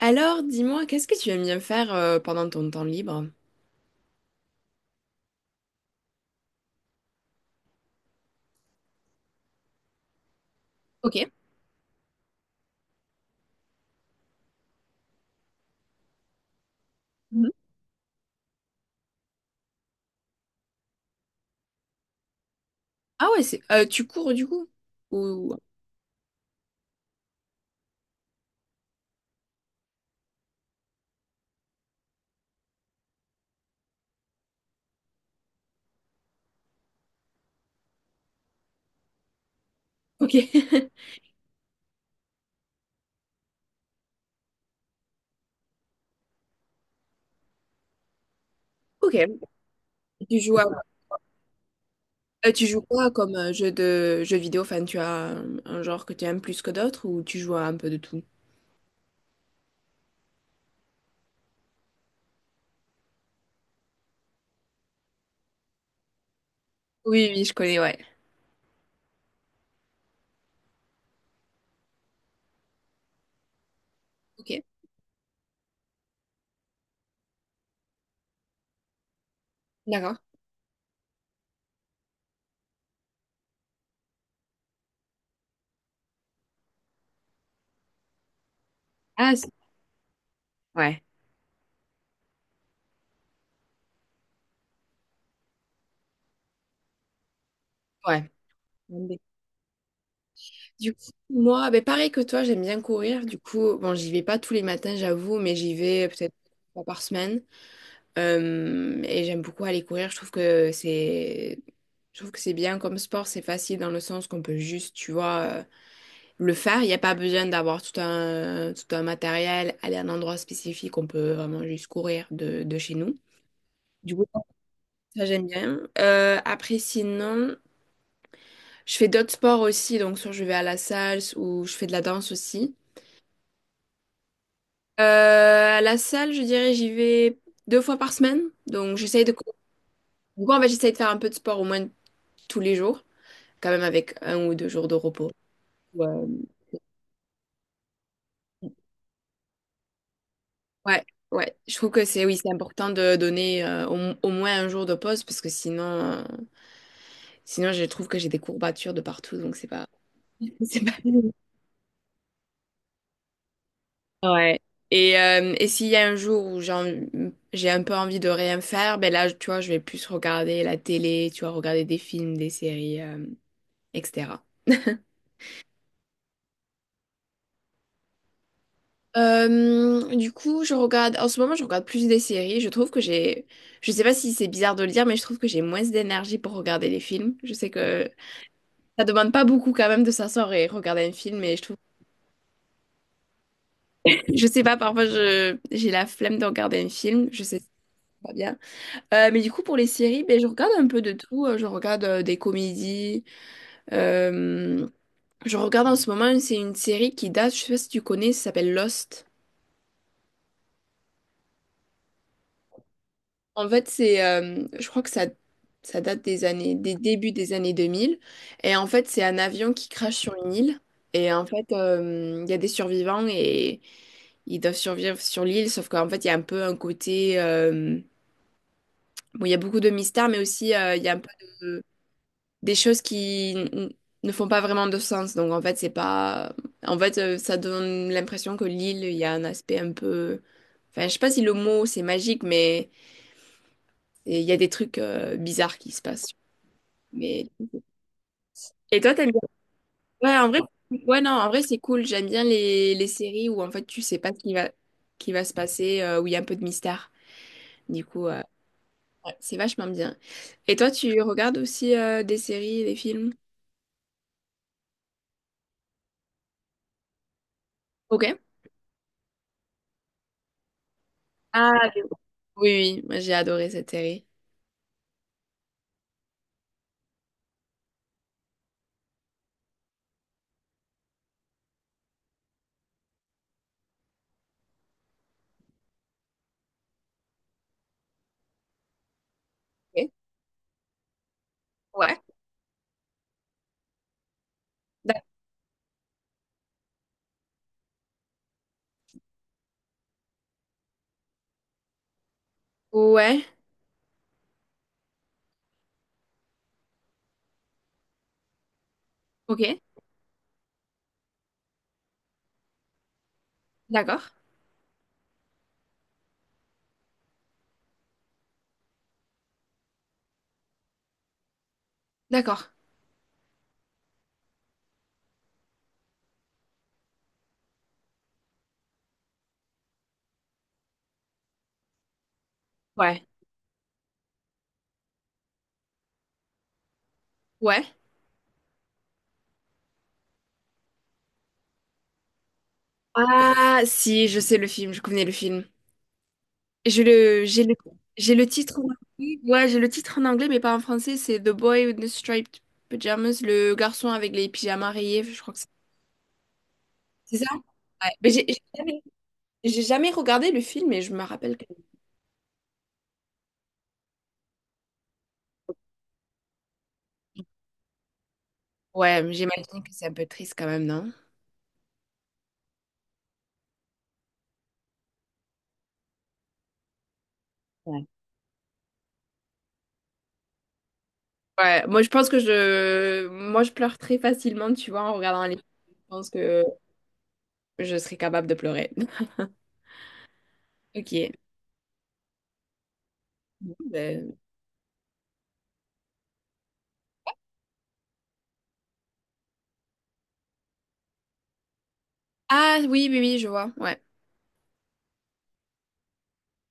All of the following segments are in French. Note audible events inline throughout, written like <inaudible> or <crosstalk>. Alors, dis-moi, qu'est-ce que tu aimes bien faire pendant ton temps libre? Ok. Mhm. Ah ouais, c'est tu cours du coup? Ou... Ok. <laughs> Ok. Tu joues à- tu joues quoi comme jeu de jeu vidéo? Enfin, tu as un genre que tu aimes plus que d'autres ou tu joues à un peu de tout? Oui, oui, je connais, ouais. Ok. D'accord. Ah, c'est. Ouais, ouais. Du coup, moi, ben pareil que toi, j'aime bien courir. Du coup, bon, j'y vais pas tous les matins, j'avoue, mais j'y vais peut-être une fois par semaine. Et j'aime beaucoup aller courir. Je trouve que c'est bien comme sport. C'est facile dans le sens qu'on peut juste, tu vois, le faire. Il n'y a pas besoin d'avoir tout un matériel, aller à un endroit spécifique. On peut vraiment juste courir de chez nous. Du coup, ça j'aime bien. Après, sinon, je fais d'autres sports aussi. Donc, soit je vais à la salle ou je fais de la danse aussi. Euh, à la salle, je dirais, j'y vais deux fois par semaine. Donc, j'essaye de. Du coup, en fait, j'essaye de faire un peu de sport au moins tous les jours. Quand même avec un ou deux jours de repos. Ouais, ouais. Ouais. Je trouve que c'est oui, c'est important de donner au, au moins un jour de pause parce que sinon je trouve que j'ai des courbatures de partout, donc c'est pas, <laughs> c'est pas... Ouais. Et s'il y a un jour j'ai un peu envie de rien faire, ben là, tu vois, je vais plus regarder la télé, tu vois, regarder des films, des séries, etc. Du coup, je regarde. En ce moment, je regarde plus des séries. Je trouve que j'ai. Je sais pas si c'est bizarre de le dire, mais je trouve que j'ai moins d'énergie pour regarder les films. Je sais que ça demande pas beaucoup quand même de s'asseoir et regarder un film, mais je trouve. Je sais pas, parfois je j'ai la flemme de regarder un film. Je sais c'est pas bien. Mais du coup, pour les séries, ben, je regarde un peu de tout. Je regarde des comédies. Euh, Je regarde en ce moment, c'est une série qui date. Je sais pas si tu connais. Ça s'appelle Lost. Je crois que ça date des années, des débuts des années 2000. Et en fait, c'est un avion qui crache sur une île. Il y a des survivants et ils doivent survivre sur l'île. Sauf qu'en fait, il y a un peu un côté, bon, il y a beaucoup de mystères, mais aussi il y a de- des choses ne font pas vraiment de sens. Donc en fait, c'est pas, en fait, ça donne l'impression que l'île, il y a un aspect un peu, enfin, je sais pas si le mot c'est magique, mais et il y a des trucs bizarres qui se passent. Mais... Et toi, t'aimes bien? Ouais, en vrai, ouais, non, en vrai, c'est cool. J'aime bien les séries où en fait tu sais pas qui va se passer, où il y a un peu de mystère. Du coup, ouais, c'est vachement bien. Et toi, tu regardes aussi des séries, des films? Ok. Ah, ok. Oui, oui, moi j'ai adoré cette série. Ok. Ouais. D'ac-. Ouais. Ok. D'accord. D'accord. Ouais. Ouais. Ah, si, je sais le film, je connais le film. Je le, j'ai le, j'ai le titre en anglais. Ouais, j'ai le titre en anglais, mais pas en français. C'est The Boy with the Striped Pajamas, le garçon avec les pyjamas rayés. Je crois que c'est ça. Ouais. Mais j'ai jamais regardé le film, mais je me rappelle que. Ouais, mais j'imagine que c'est un peu triste quand même, non? Ouais. Ouais, moi je pense que moi je pleure très facilement, tu vois, en regardant les films. Je pense que je serais capable de pleurer. <laughs> Ok. Ben, ah oui, oui, oui, je vois. Ouais.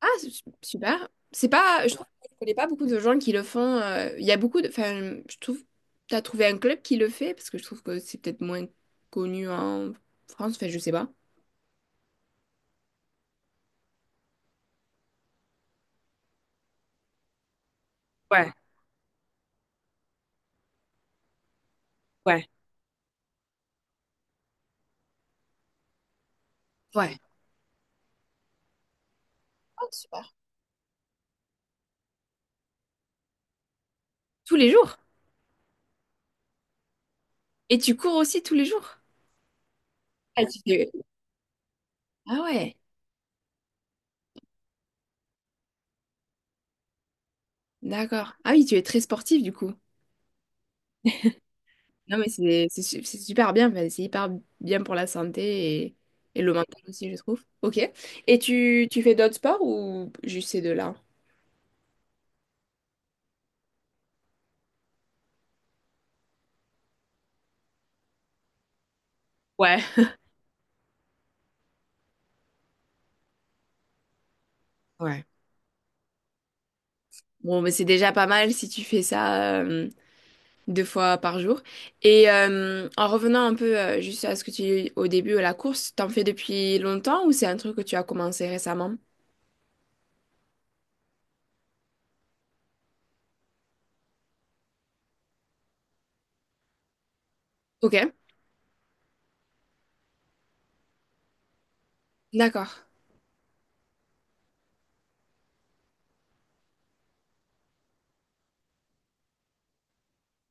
Ah, super. C'est pas, je. Ouais, trouve, que je connais pas beaucoup de gens qui le font. Il y a beaucoup de, enfin, je trouve, t'as trouvé un club qui le fait parce que je trouve que c'est peut-être moins connu en France. Enfin, je sais pas. Ouais, ouais. Ah, super. Tous les jours. Et tu cours aussi tous les jours. Ah, tu fais-. Ah ouais, d'accord. Ah oui, tu es très sportif du coup. Non, mais c'est c'est super bien. Enfin, c'est hyper bien pour la santé et le mental aussi, je trouve. Ok. Tu fais d'autres sports ou juste ces deux-là? Ouais. Ouais. Bon, mais c'est déjà pas mal si tu fais ça deux fois par jour. Et en revenant un peu juste à ce que tu au début à la course, t'en fais depuis longtemps ou c'est un truc que tu as commencé récemment? Ok, d'accord.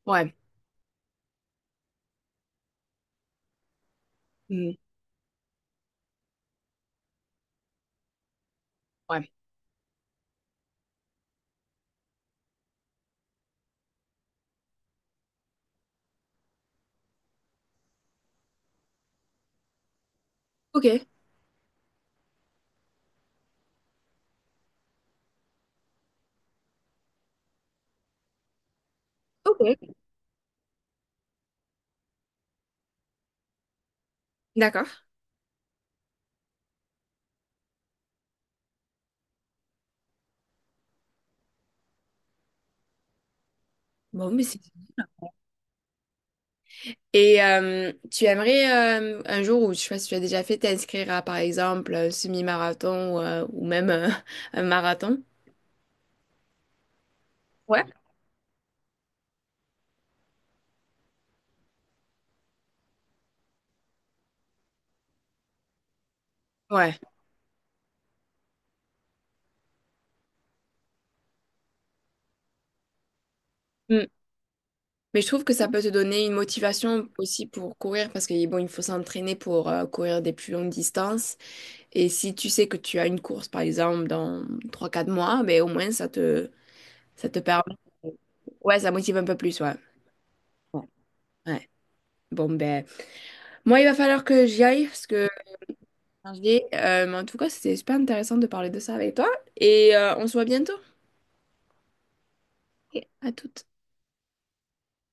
Ouais. Hmm. Ouais. Ok, ok, d'accord. Bon, mais c'est... Et tu aimerais un jour, ou je sais pas si tu as déjà fait, t'inscrire à par exemple un semi-marathon ou même <laughs> un marathon? Ouais. Ouais. Mais je trouve que ça peut te donner une motivation aussi pour courir parce que bon, il faut s'entraîner pour courir des plus longues distances. Et si tu sais que tu as une course, par exemple, dans trois quatre mois, ben, au moins ça te permet. Ouais, ça motive un peu plus, ouais. Ouais. Ouais. Bon, ben, moi, il va falloir que j'y aille parce que je dis, mais en tout cas, c'était super intéressant de parler de ça avec toi. Et on se voit bientôt. Ok. À tout.